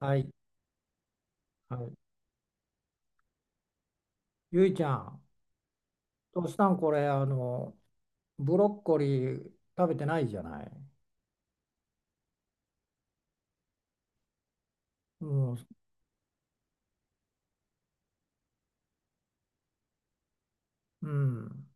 はい、はい。ゆいちゃん、トシさん、これ、ブロッコリー食べてないじゃない。うん、うん。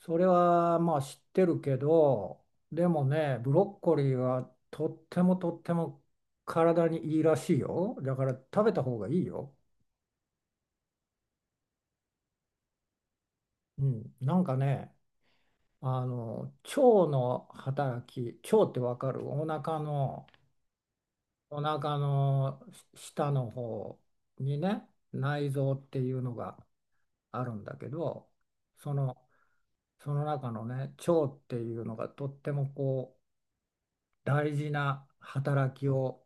それは、まあ、知ってるけど、でもね、ブロッコリーはとってもとっても体にいいらしいよ。だから食べた方がいいよ。うん。腸の働き、腸ってわかる、お腹の、お腹の下の方にね、内臓っていうのがあるんだけど、そのその中のね、腸っていうのがとってもこう大事な働きを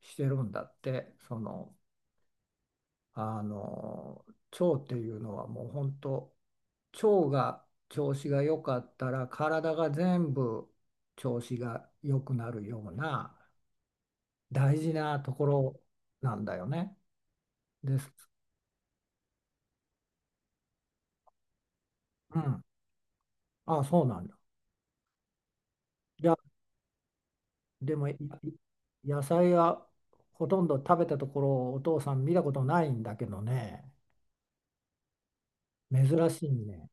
してるんだって。あの腸っていうのはもう本当、腸が調子が良かったら体が全部調子が良くなるような大事なところなんだよね。です。うん。あ、そうなんだ。じゃでもい野菜はほとんど食べたところをお父さん見たことないんだけどね。珍しいね。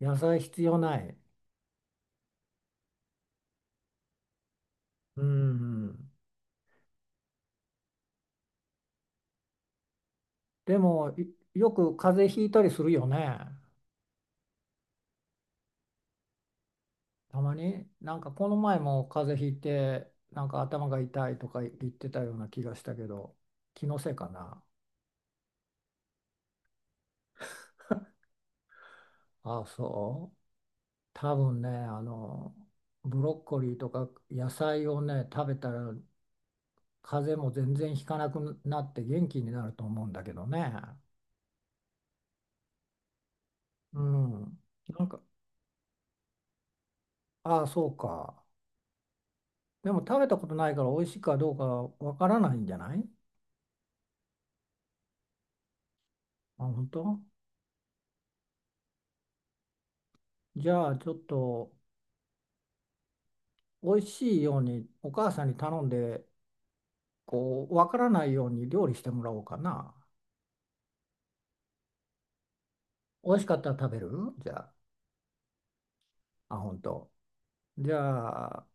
野菜必要ない。うんでもいよく風邪ひいたりするよね。たまになんかこの前も風邪ひいて、なんか頭が痛いとか言ってたような気がしたけど、気のせいかな。ああそう。多分ね、ブロッコリーとか野菜をね、食べたら風邪も全然ひかなくなって元気になると思うんだけどね。うん。なんか、ああ、そうか。でも食べたことないから美味しいかどうかわからないんじゃない？あ、本当？じゃあちょっと美味しいようにお母さんに頼んで、こう、わからないように料理してもらおうかな。美味しかったら食べる？じゃあ、あ、本当？じゃあ、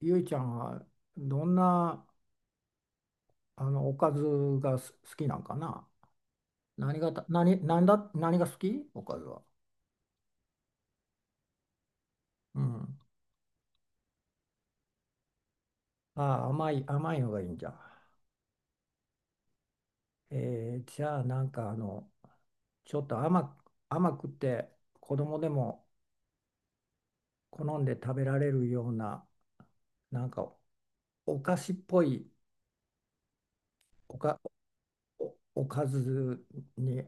ゆいちゃんはどんな、おかずが好きなんかな。何がた、何、何だ、何が好き、おかずは。うん。ああ、甘いのがいいんじゃん。じゃあ、ちょっと甘く、甘くて子供でも好んで食べられるような、なんかお菓子っぽいおか、おかずに、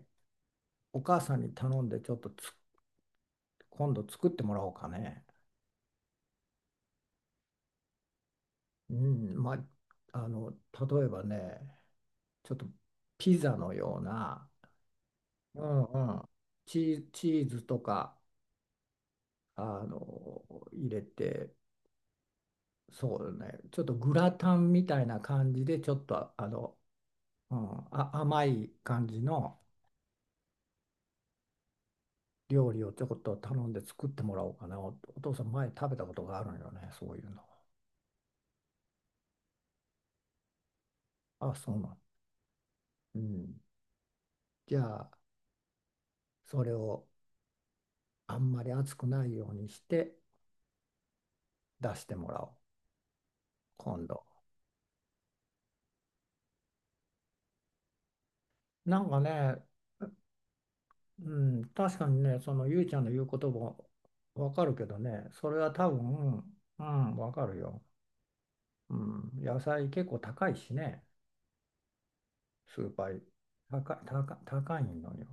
お母さんに頼んでちょっと今度作ってもらおうかね。うん、まあ、例えばね、ちょっとピザのような、うんうん、チーズとかあの入れて、そうね、ちょっとグラタンみたいな感じで、ちょっとあの、うん、あ、甘い感じの料理をちょこっと頼んで作ってもらおうかな。お父さん前食べたことがあるのよね、そういうの。あそうなん、うん、じゃあそれをあんまり熱くないようにして出してもらおう、今度。なんかね、うん、確かにね、そのゆいちゃんの言うこともわかるけどね、それは多分、うん、わかるよ。うん、野菜結構高いしね、スーパー、高いのよ。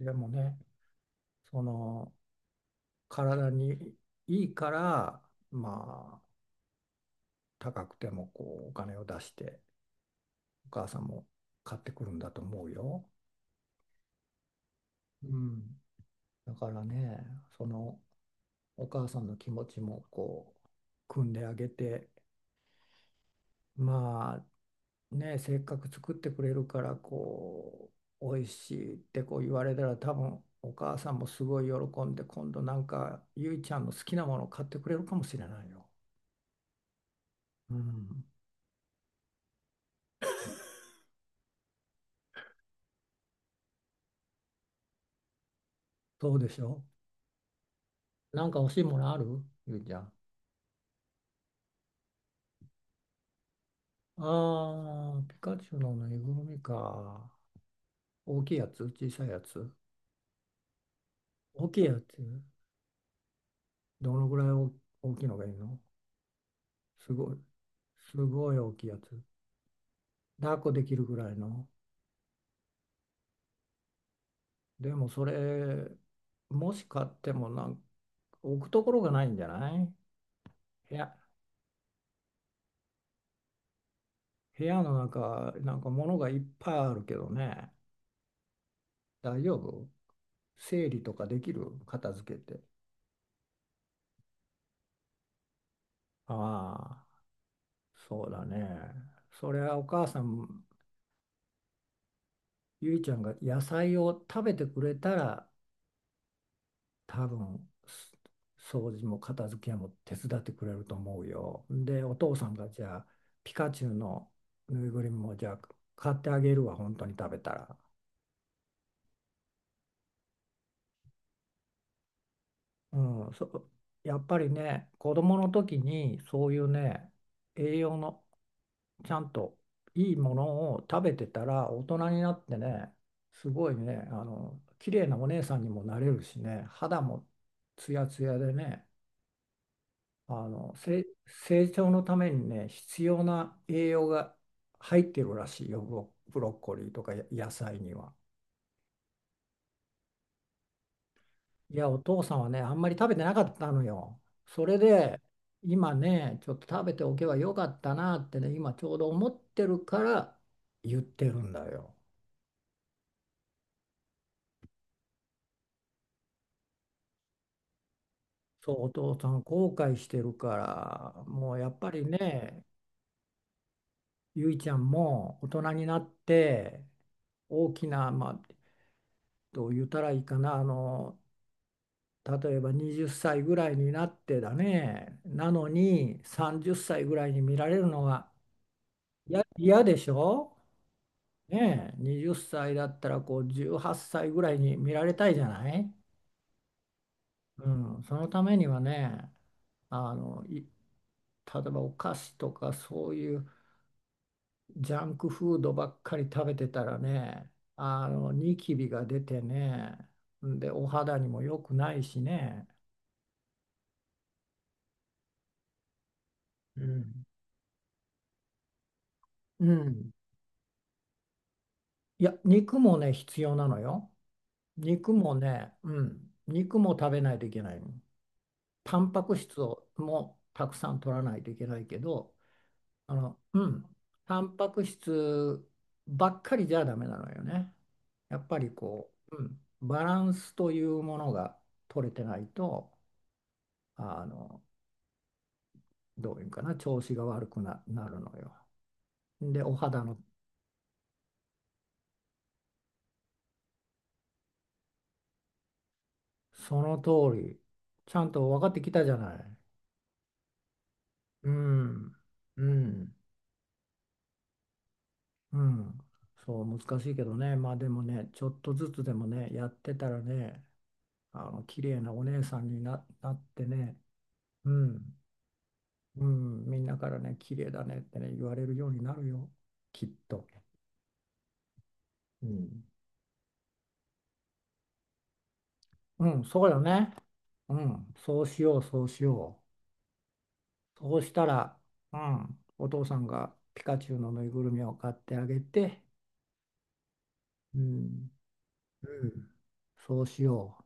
でもね、その体にいいから、まあ、高くてもこうお金を出して、お母さんも買ってくるんだと思うよ。うん、だからね、そのお母さんの気持ちもこう、汲んであげて。まあね、せっかく作ってくれるから、こう美味しいってこう言われたら、多分お母さんもすごい喜んで、今度なんかゆいちゃんの好きなものを買ってくれるかもしれないよ。うん、そうでしょ？なんか欲しいものある、ゆいちゃん？ああ、ピカチュウのぬいぐるみか。大きいやつ？小さいやつ？大きいやつ？どのぐらい大大きいのがいいの？すごい。すごい大きいやつ。抱っこできるぐらいの。でもそれ、もし買っても、置くところがないんじゃない？部屋、部屋の中、なんか物がいっぱいあるけどね。大丈夫？整理とかできる、片付けて。ああ、そうだね。それはお母さん、ゆいちゃんが野菜を食べてくれたら多分掃除も片付けも手伝ってくれると思うよ。で、お父さんがじゃあピカチュウのぬいぐるみもじゃあ買ってあげるわ、本当に食べたら。うん、そ、やっぱりね、子供の時にそういうね、栄養のちゃんといいものを食べてたら、大人になってね、すごいね、綺麗なお姉さんにもなれるしね、肌もツヤツヤでね、あの、成長のためにね必要な栄養が入ってるらしいよ、ブロッコリーとか野菜には。いや、お父さんはね、あんまり食べてなかったのよ。それで今ね、ちょっと食べておけばよかったなってね、今ちょうど思ってるから言ってるんだよ。そう、お父さん後悔してるから、もうやっぱりね、ゆいちゃんも大人になって、大きな、まあ、どう言ったらいいかな、例えば20歳ぐらいになってだね、なのに30歳ぐらいに見られるのが嫌、嫌でしょ？ねえ、20歳だったらこう18歳ぐらいに見られたいじゃない？うん、そのためにはね、例えばお菓子とかそういうジャンクフードばっかり食べてたらね、ニキビが出てね、で、お肌にも良くないしね。うん、うん。いや、肉もね、必要なのよ。肉もね、うん、肉も食べないといけないの。タンパク質をもうたくさん取らないといけないけど、あの、うん、タンパク質ばっかりじゃダメなのよね。やっぱりこう、うん、バランスというものが取れてないと、あの、どういうかな、調子が悪くな、なるのよ。で、お肌の、その通り、ちゃんと分かってきたじゃない。うん、うん。うん、そう難しいけどね、まあでもね、ちょっとずつでもね、やってたらね、あの綺麗なお姉さんになってね、うん、うん、みんなからね、綺麗だねってね、言われるようになるよ、きっと。うん。うん、そうよね。うん、そうしよう。そうしたら、うん、お父さんがピカチュウのぬいぐるみを買ってあげて、うん。うん、そうしよう。